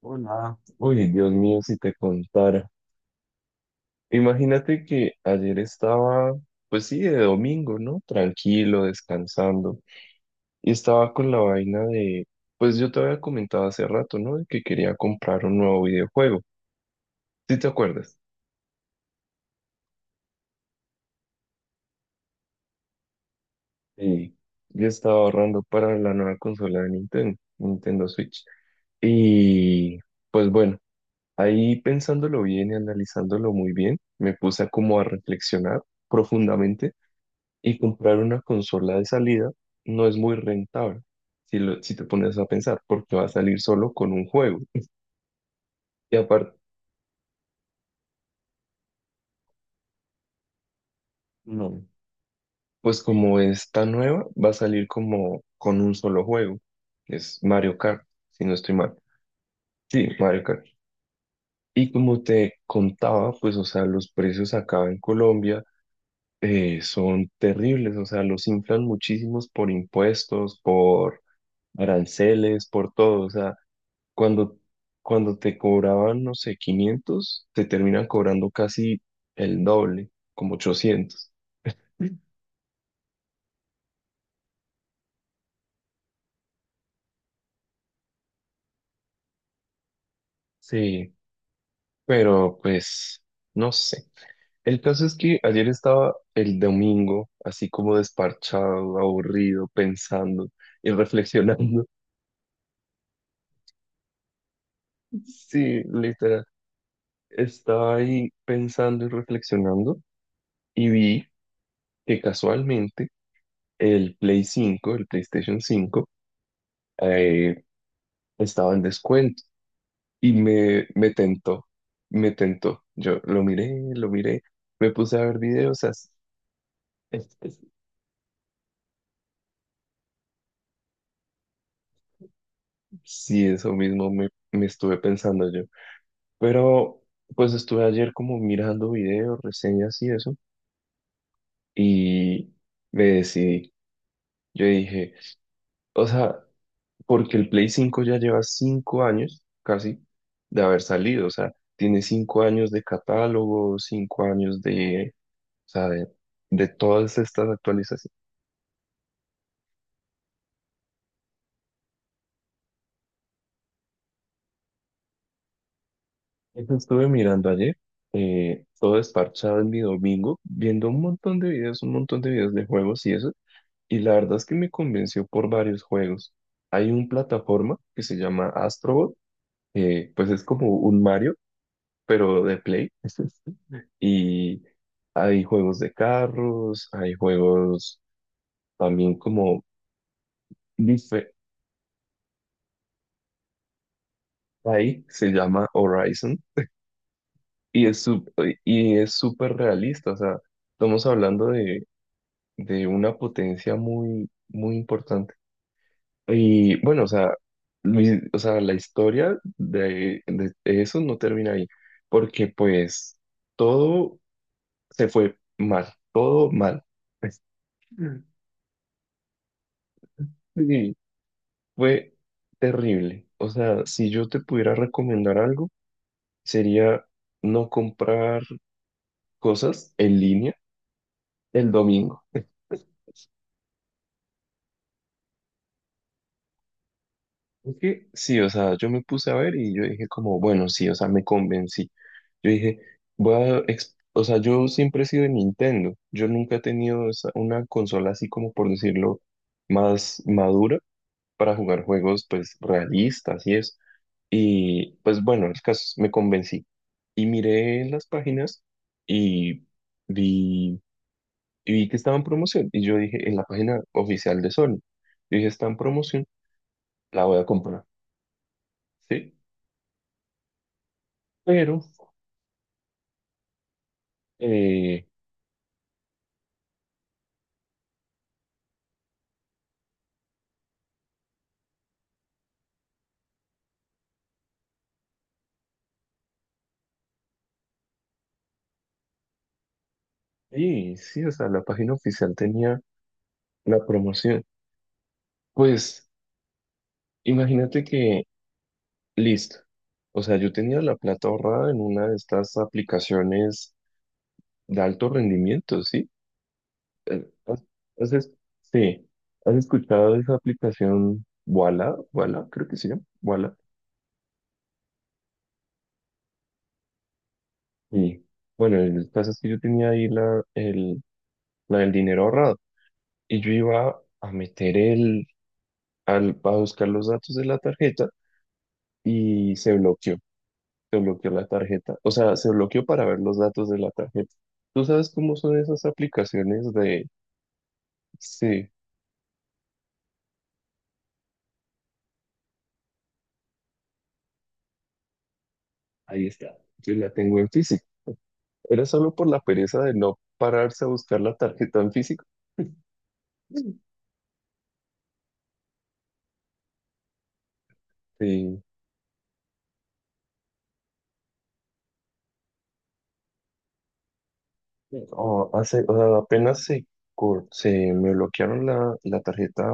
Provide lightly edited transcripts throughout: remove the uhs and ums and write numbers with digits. Hola. Uy, Dios mío, si te contara. Imagínate que ayer estaba, pues sí, de domingo, ¿no? Tranquilo, descansando. Y estaba con la vaina de, pues yo te había comentado hace rato, ¿no? De que quería comprar un nuevo videojuego. ¿Sí te acuerdas? Sí. Yo estaba ahorrando para la nueva consola de Nintendo, Nintendo Switch. Y pues bueno, ahí pensándolo bien y analizándolo muy bien, me puse como a reflexionar profundamente. Y comprar una consola de salida no es muy rentable, si, si te pones a pensar, porque va a salir solo con un juego. Y aparte, no, pues como es tan nueva, va a salir como con un solo juego, que es Mario Kart, si no estoy mal. Sí, Mario Kart. Y como te contaba, pues, o sea, los precios acá en Colombia son terribles, o sea, los inflan muchísimos por impuestos, por aranceles, por todo, o sea. Cuando, cuando te cobraban, no sé, 500 te terminan cobrando casi el doble, como 800. Sí, pero pues, no sé. El caso es que ayer estaba el domingo, así como desparchado, aburrido, pensando y reflexionando. Sí, literal. Estaba ahí pensando y reflexionando y vi que casualmente el PlayStation 5 eh, estaba en descuento y me tentó, me tentó. Yo lo miré, me puse a ver videos, es- es- sí, eso mismo me estuve pensando yo. Pero pues estuve ayer como mirando videos, reseñas y eso, y me decidí. Yo dije, o sea, porque el Play cinco ya lleva 5 años casi de haber salido, o sea, tiene 5 años de catálogo, 5 años de, o sea, de todas estas actualizaciones. Eso estuve mirando ayer, todo desparchado en mi domingo, viendo un montón de videos, un montón de videos de juegos y eso, y la verdad es que me convenció por varios juegos. Hay una plataforma que se llama Astrobot, que pues es como un Mario, pero de Play, y hay juegos de carros, hay juegos también como dife- ahí se llama Horizon, y es, y es súper realista, o sea, estamos hablando de una potencia muy, muy importante. Y bueno, o sea, o sea, la historia de eso no termina ahí, porque pues todo se fue mal, todo mal. Es- Mm. Sí, fue terrible. O sea, si yo te pudiera recomendar algo, sería no comprar cosas en línea el domingo. Sí, o sea, yo me puse a ver y yo dije como, bueno, sí, o sea, me convencí. Yo dije, voy a, o sea, yo siempre he sido de Nintendo. Yo nunca he tenido una consola así como, por decirlo, más madura para jugar juegos, pues, realistas y eso. Y, pues, bueno, el caso, es, me convencí. Y miré las páginas y vi, y vi que estaba en promoción. Y yo dije, en la página oficial de Sony, yo dije, está en promoción, la voy a comprar, ¿sí? Pero... Eh, y sí, o sea, la página oficial tenía la promoción. Pues imagínate que, listo. O sea, yo tenía la plata ahorrada en una de estas aplicaciones de alto rendimiento, ¿sí? Eh, ¿Has, has es- sí, ¿has escuchado de esa aplicación Wala? Wala, creo que sí, Wala. Y bueno, el caso es que yo tenía ahí la del dinero ahorrado y yo iba a meter a buscar los datos de la tarjeta y se bloqueó la tarjeta. O sea, se bloqueó para ver los datos de la tarjeta. ¿Tú sabes cómo son esas aplicaciones de... Sí, ahí está. Yo la tengo en físico. Era solo por la pereza de no pararse a buscar la tarjeta en físico. Sí. O sea, apenas se me bloquearon la tarjeta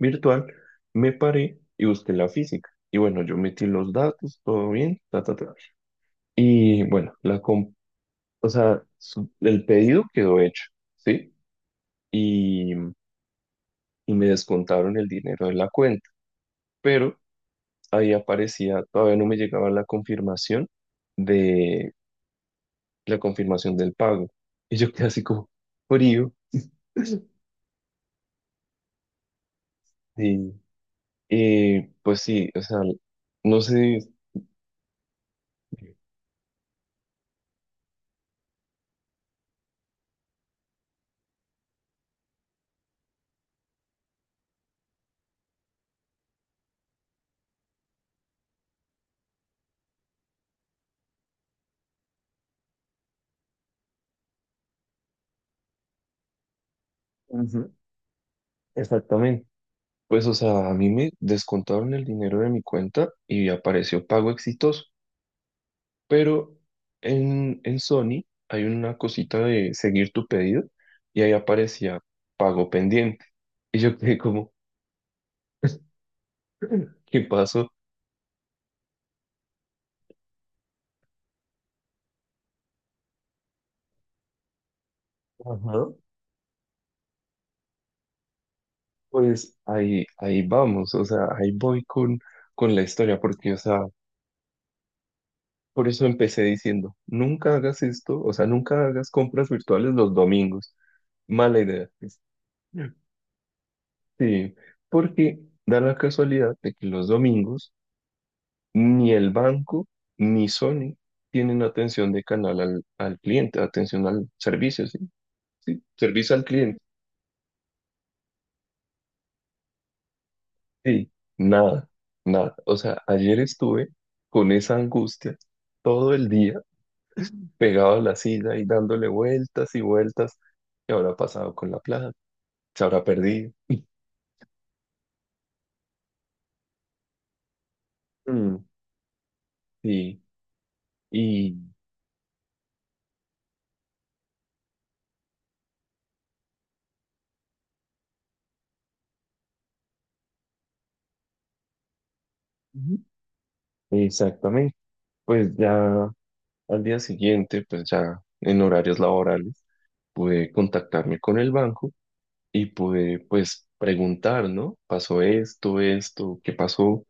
virtual, me paré y busqué la física. Y bueno, yo metí los datos, todo bien, ta, ta, ta. Y bueno, compré. O sea, el pedido quedó hecho, ¿sí? Y, y me descontaron el dinero de la cuenta, pero ahí aparecía, todavía no me llegaba la confirmación de la confirmación del pago. Y yo quedé así como frío. Y, pues sí, o sea, no sé. Ujú. Exactamente. Pues o sea, a mí me descontaron el dinero de mi cuenta y apareció pago exitoso. Pero en Sony hay una cosita de seguir tu pedido y ahí aparecía pago pendiente. Y yo quedé como, ¿qué pasó? Ajá. Pues ahí vamos, o sea, ahí voy con la historia, porque, o sea, por eso empecé diciendo, nunca hagas esto, o sea, nunca hagas compras virtuales los domingos. Mala idea. Sí, porque da la casualidad de que los domingos ni el banco ni Sony tienen atención de canal al cliente, atención al servicio, ¿sí? Sí, servicio al cliente. Sí, nada, nada. O sea, ayer estuve con esa angustia todo el día pegado a la silla y dándole vueltas y vueltas. ¿Qué habrá pasado con la plata? ¿Se habrá perdido? Mm, sí, y Ujú. Exactamente. Pues ya al día siguiente, pues ya en horarios laborales, pude contactarme con el banco y pude pues preguntar, ¿no? ¿Pasó esto, esto, qué pasó?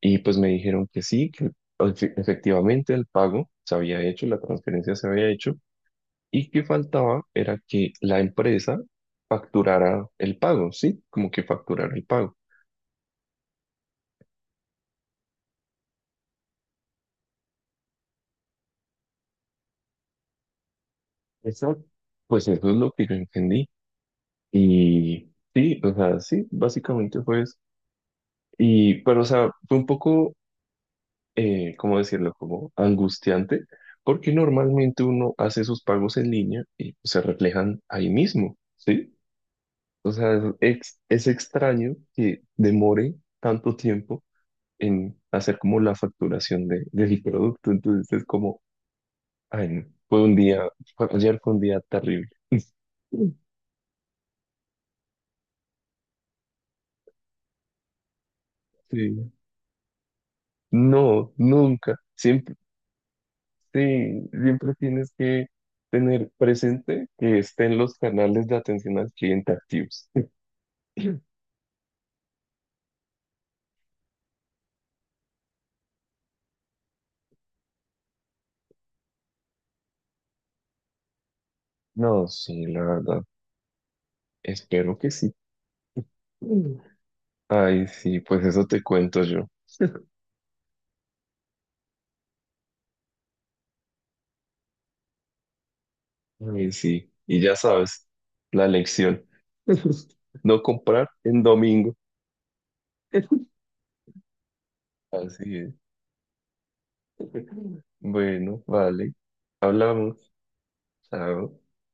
Y pues me dijeron que sí, que efectivamente el pago se había hecho, la transferencia se había hecho y que faltaba era que la empresa facturara el pago, ¿sí? Como que facturara el pago. Exacto. Pues eso es lo que yo entendí. Y sí, o sea, sí, básicamente fue eso. Pero, o sea, fue un poco ¿cómo decirlo? Como angustiante, porque normalmente uno hace sus pagos en línea y se reflejan ahí mismo, ¿sí? O sea, es, es extraño que demore tanto tiempo en hacer como la facturación del producto, entonces es como, ay, no, fue un día, ayer fue un día terrible. Sí. No, nunca. Siempre, sí, siempre tienes que tener presente que estén los canales de atención al cliente activos. No, sí, la verdad. Espero que sí. Mm. Ay, sí, pues eso te cuento yo. Ay, sí. Y ya sabes, la lección. No comprar en domingo. Así es. Bueno, vale. Hablamos. Chao.